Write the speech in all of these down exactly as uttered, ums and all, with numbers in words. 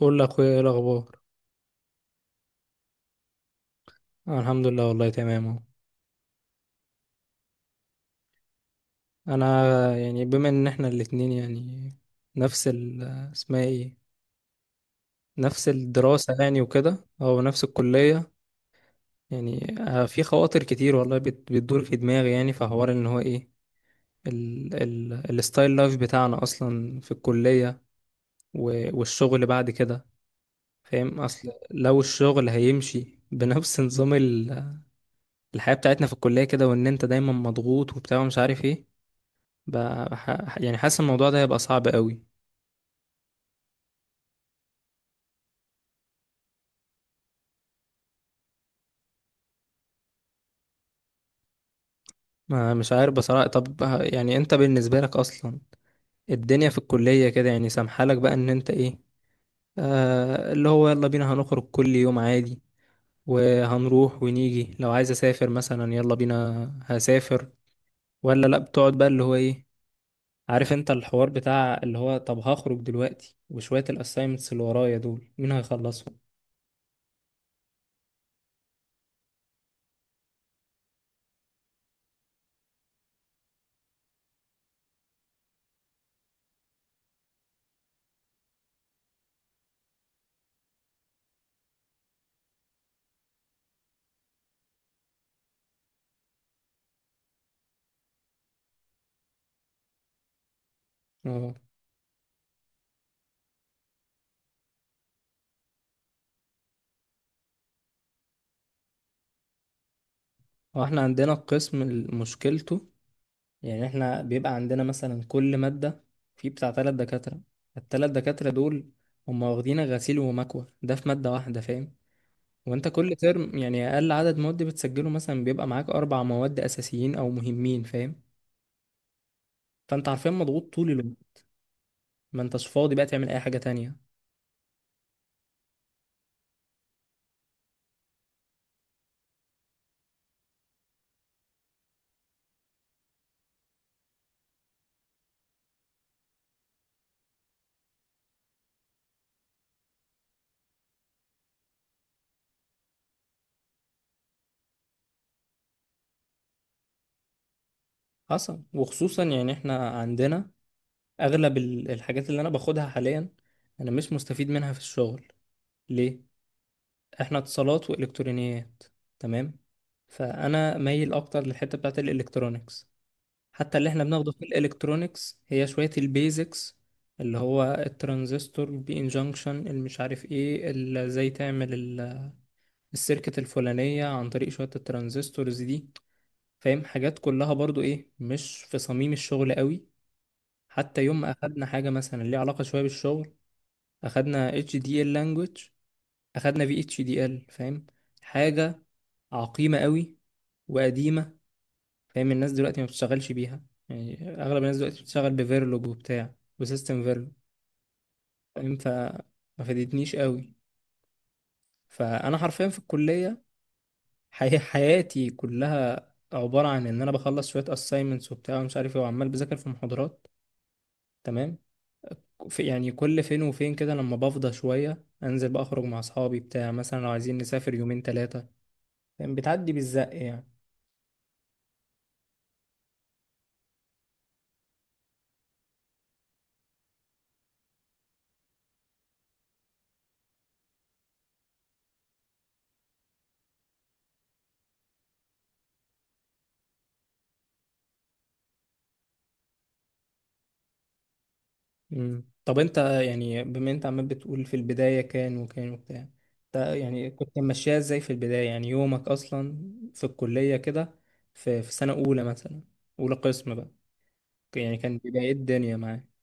قول لاخويا ايه الاخبار. آه، الحمد لله والله تمام اهو. انا يعني بما ان احنا الاتنين يعني نفس ال اسمها ايه نفس الدراسة يعني وكده او نفس الكلية. يعني آه، في خواطر كتير والله بت- بتدور في دماغي، يعني في حوار ان هو ايه ال ال الستايل لايف بتاعنا اصلا في الكلية و- والشغل بعد كده. فاهم اصل لو الشغل هيمشي بنفس نظام ال- الحياة بتاعتنا في الكلية كده، وان انت دايما مضغوط وبتاع ومش عارف ايه، ب- بح- يعني حاسس الموضوع ده هيبقى صعب قوي. ما مش عارف بصراحة. طب ه- يعني انت بالنسبة لك اصلا الدنيا في الكلية كده؟ يعني سامحالك بقى ان انت ايه، آه اللي هو يلا بينا هنخرج كل يوم عادي، وهنروح ونيجي، لو عايز اسافر مثلا يلا بينا هسافر، ولا لا بتقعد بقى اللي هو ايه، عارف انت الحوار بتاع اللي هو طب هخرج دلوقتي وشوية الاسايمنتس اللي ورايا دول مين هيخلصهم. اه. هو احنا عندنا القسم مشكلته، يعني احنا بيبقى عندنا مثلا كل مادة في بتاع تلات دكاترة. التلات دكاترة دول هم واخدين غسيل ومكوى ده في مادة واحدة، فاهم؟ وانت كل ترم يعني اقل عدد مواد بتسجله مثلا بيبقى معاك اربع مواد اساسيين او مهمين، فاهم؟ فانت عارفين مضغوط طول الوقت، ما انتش فاضي بقى تعمل اي حاجة تانية. حصل، وخصوصا يعني احنا عندنا اغلب ال- الحاجات اللي انا باخدها حاليا انا مش مستفيد منها في الشغل. ليه؟ احنا اتصالات والكترونيات، تمام؟ فانا مايل اكتر للحته بتاعت الالكترونيكس. حتى اللي احنا بناخده في الالكترونيكس هي شويه البيزكس، اللي هو الترانزستور البي ان جانكشن المش عارف ايه ال- ازاي تعمل ال- السيركت الفلانيه عن طريق شويه الترانزستورز دي، فاهم؟ حاجات كلها برضو ايه، مش في صميم الشغل قوي. حتى يوم ما اخدنا حاجه مثلا ليها علاقه شويه بالشغل، اخدنا اتش دي ال language، اخدنا في اتش دي ال، فاهم؟ حاجه عقيمه قوي وقديمه، فاهم؟ الناس دلوقتي ما بتشتغلش بيها. يعني اغلب الناس دلوقتي بتشتغل بفيرلوج وبتاع وسيستم فيرلوج، فاهم؟ فما فادتنيش قوي. فانا حرفيا في الكليه حي حياتي كلها عباره عن ان انا بخلص شويه assignments وبتاع ومش عارف ايه، وعمال بذاكر في محاضرات، تمام؟ في يعني كل فين وفين كده لما بفضى شويه انزل بقى اخرج مع اصحابي بتاع، مثلا لو عايزين نسافر يومين ثلاثه. فاهم؟ بتعدي بالزق يعني. مم. طب انت يعني بما انت عمال بتقول في البداية كان وكان وبتاع، انت يعني كنت ماشيها ازاي في البداية؟ يعني يومك اصلا في الكلية كده، في في سنة اولى مثلا، اولى قسم بقى، يعني كان بداية الدنيا معاك.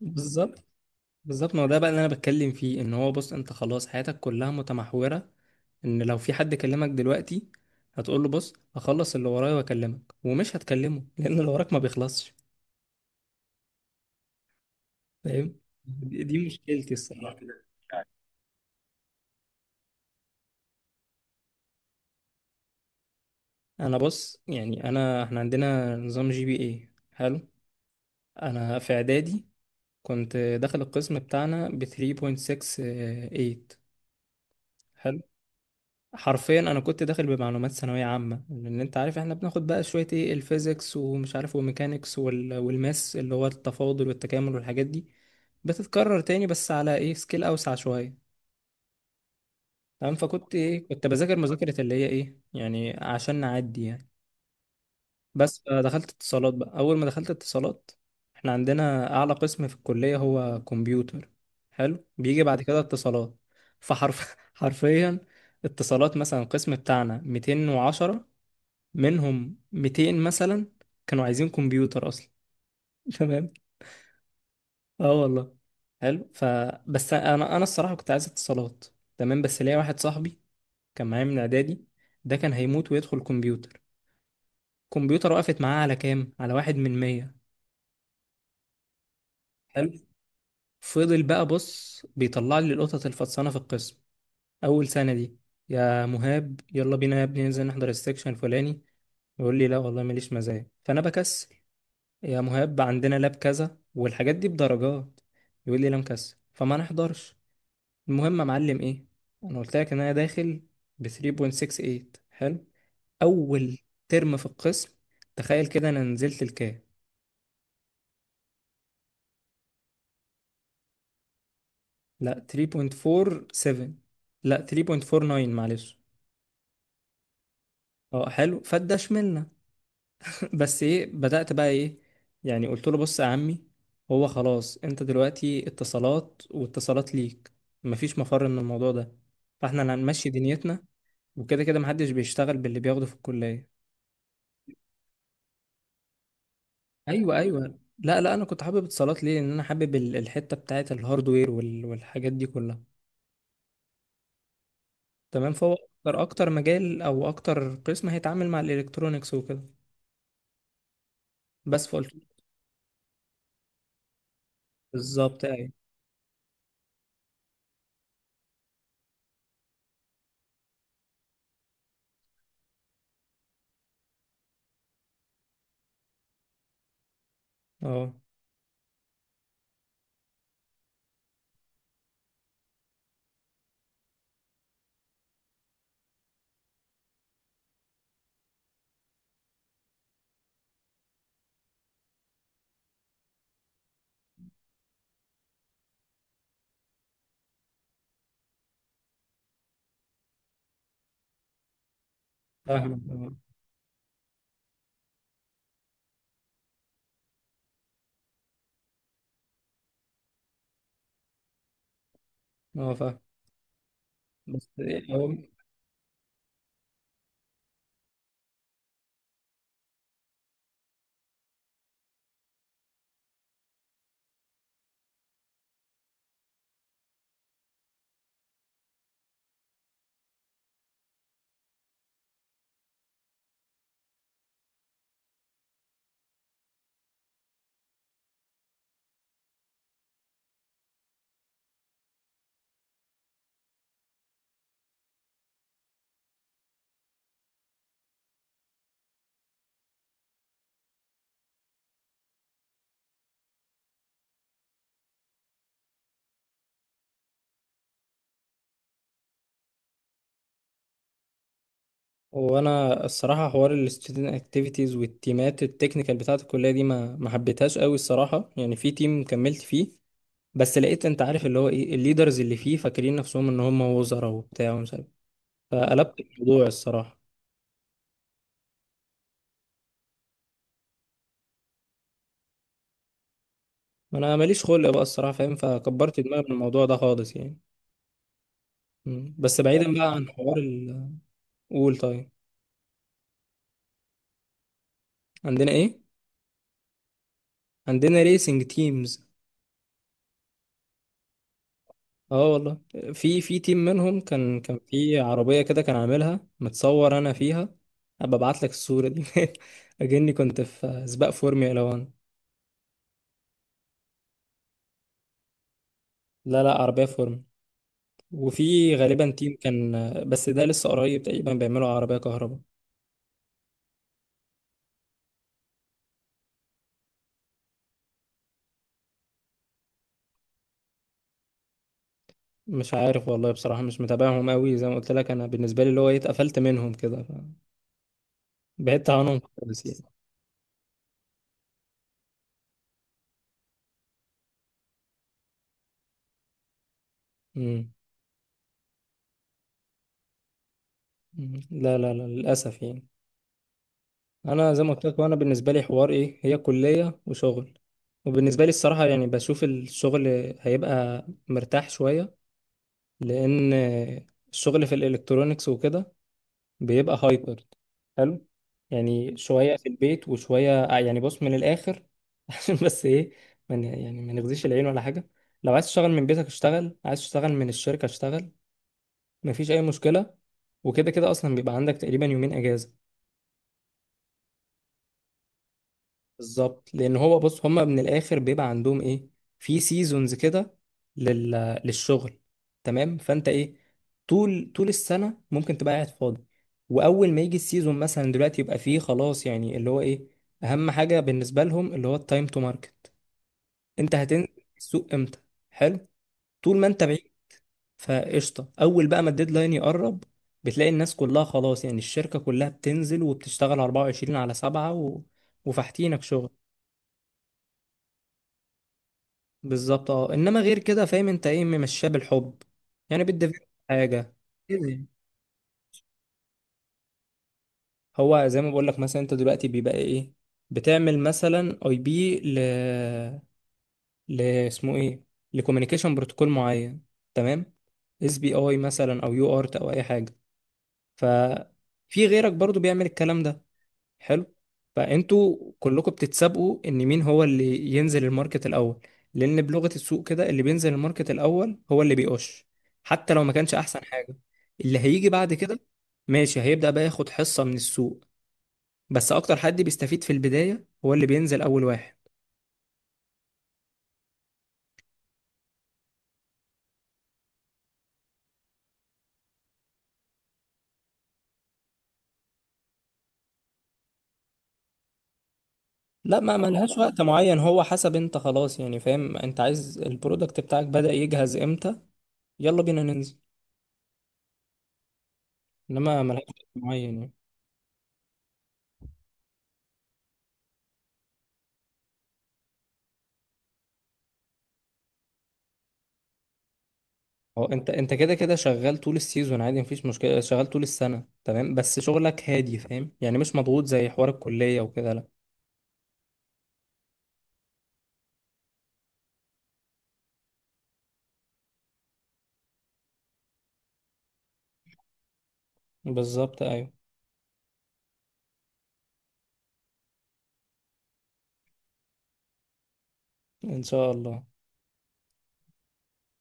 بالظبط. بالظبط، ما هو ده بقى اللي انا بتكلم فيه، ان هو بص انت خلاص حياتك كلها متمحورة ان لو في حد كلمك دلوقتي هتقول له بص هخلص اللي ورايا واكلمك، ومش هتكلمه لان اللي وراك ما بيخلصش، فاهم؟ دي دي مشكلتي الصراحة. انا بص يعني، انا احنا عندنا نظام جي بي اي، حلو. انا في اعدادي كنت داخل القسم بتاعنا ب ثلاثه وستة وتمانية، حلو. حرفيا انا كنت داخل بمعلومات ثانويه عامه، لان انت عارف احنا بناخد بقى شويه ايه الفيزيكس ومش عارف وميكانيكس وال... والماس اللي هو التفاضل والتكامل والحاجات دي، بتتكرر تاني بس على ايه سكيل اوسع شويه، تمام؟ فكنت ايه، كنت بذاكر مذاكره اللي هي ايه يعني عشان نعدي يعني. بس دخلت اتصالات بقى، اول ما دخلت اتصالات، احنا عندنا اعلى قسم في الكلية هو كمبيوتر، حلو، بيجي بعد كده اتصالات. فحرف حرفيا اتصالات مثلا القسم بتاعنا ميتين وعشرة، منهم ميتين مثلا كانوا عايزين كمبيوتر اصلا. تمام. اه والله، حلو. فبس انا انا الصراحة كنت عايز اتصالات، تمام؟ بس ليا واحد صاحبي كان معايا من اعدادي، ده كان هيموت ويدخل كمبيوتر. كمبيوتر وقفت معاه على كام، على واحد من مية. حلو. فضل بقى بص بيطلع لي القطط الفطسانه في القسم اول سنه دي: يا مهاب يلا بينا يا ابني ننزل نحضر السكشن الفلاني، يقول لي لا والله ماليش مزاج، فانا بكسل. يا مهاب عندنا لاب كذا والحاجات دي بدرجات، يقول لي لا مكسل، فما نحضرش. المهم يا معلم ايه، انا قلت لك ان انا داخل ب ثلاثه وستة وتمانية، حلو. اول ترم في القسم تخيل كده انا نزلت لكام؟ لا ثلاثه واربعة وسبعة، لا ثلاثه واربعة وتسعة معلش. اه حلو، فدشملنا. بس ايه، بدأت بقى ايه، يعني قلت له بص يا عمي هو خلاص انت دلوقتي اتصالات واتصالات ليك، مفيش مفر من الموضوع ده، فاحنا اللي هنمشي دنيتنا، وكده كده محدش بيشتغل باللي بياخده في الكلية. ايوه، ايوه. لا لا انا كنت حابب اتصالات. ليه؟ لان انا حابب ال- الحتة بتاعت الهاردوير وال- والحاجات دي كلها، تمام؟ فهو اكتر، اكتر مجال او اكتر قسم هيتعامل مع الالكترونيكس وكده. بس فقلت له بالظبط ايوه. اه فاهمك اه. آه، فاهم. بس إيه، هو وانا الصراحه حوار الستودنت اكتيفيتيز والتيمات التكنيكال بتاعه الكليه دي ما ما حبيتهاش قوي الصراحه. يعني في تيم كملت فيه، بس لقيت انت عارف اللي هو ايه الليدرز اللي فيه فاكرين نفسهم ان هم وزراء وبتاع ومش عارف، فقلبت الموضوع الصراحه. انا ماليش خلق بقى الصراحه، فاهم؟ فكبرت دماغي من الموضوع ده خالص يعني. مم. بس بعيدا بقى عن حوار ال، قول طيب. عندنا ايه؟ عندنا ريسنج تيمز اه والله. في في تيم منهم كان، كان في عربية كده كان عاملها متصور انا فيها، هبقى ابعت لك الصورة دي اجني كنت في سباق فورمولا واحد. لا لا عربية فورمولا. وفي غالبا تيم كان، بس ده لسه قريب تقريبا، بيعملوا عربية كهرباء. مش عارف والله بصراحة، مش متابعهم قوي زي ما قلت لك، انا بالنسبة لي اللي هو إيه، اتقفلت منهم كده، ف- بعدت عنهم خالص يعني. أمم. أمم. لا لا لا للأسف يعني. انا زي ما قلت لك، وانا بالنسبه لي حوار ايه، هي كليه وشغل. وبالنسبه لي الصراحه يعني بشوف الشغل هيبقى مرتاح شويه، لان الشغل في الالكترونيكس وكده بيبقى هايبر، حلو، يعني شويه في البيت وشويه آه، يعني بص من الاخر عشان بس ايه، من يعني ما نغزيش العين ولا حاجه. لو عايز تشتغل من بيتك اشتغل، عايز تشتغل من الشركه اشتغل، مفيش اي مشكله. وكده كده اصلا بيبقى عندك تقريبا يومين اجازه. بالظبط، لان هو بص هما من الاخر بيبقى عندهم ايه، في سيزونز كده لل... للشغل، تمام؟ فانت ايه، طول طول السنه ممكن تبقى قاعد فاضي، واول ما يجي السيزون مثلا دلوقتي يبقى فيه خلاص، يعني اللي هو ايه، اهم حاجه بالنسبه لهم اللي هو التايم تو ماركت، انت هتنزل السوق امتى، حلو. طول ما انت بعيد فقشطه. اول بقى ما الديدلاين يقرب، بتلاقي الناس كلها خلاص يعني الشركه كلها بتنزل وبتشتغل اربعه وعشرين على سبعة و... وفاحتينك شغل. بالظبط اه. انما غير كده فاهم انت ايه، ممشاه بالحب يعني، بتدفع حاجه كده يعني. هو زي ما بقول لك، مثلا انت دلوقتي بيبقى ايه، بتعمل مثلا اي بي ل ل اسمه ايه لكوميونيكيشن بروتوكول معين، تمام؟ اس بي اي مثلا او يو ارت او اي حاجه. ففي غيرك برضو بيعمل الكلام ده، حلو. فانتوا كلكم بتتسابقوا ان مين هو اللي ينزل الماركت الاول، لان بلغة السوق كده اللي بينزل الماركت الاول هو اللي بيقش، حتى لو ما كانش احسن حاجة. اللي هيجي بعد كده ماشي هيبدأ بقى ياخد حصة من السوق، بس اكتر حد بيستفيد في البداية هو اللي بينزل اول واحد. لا ما ملهاش وقت معين، هو حسب انت خلاص يعني، فاهم انت عايز البرودكت بتاعك بدأ يجهز امتى، يلا بينا ننزل. انما ملهاش وقت معين يعني. هو انت انت كده كده شغال طول السيزون عادي مفيش مشكله، شغال طول السنه تمام، بس شغلك هادي، فاهم؟ يعني مش مضغوط زي حوار الكليه وكده، لا. بالظبط ايوه. ان شاء الله.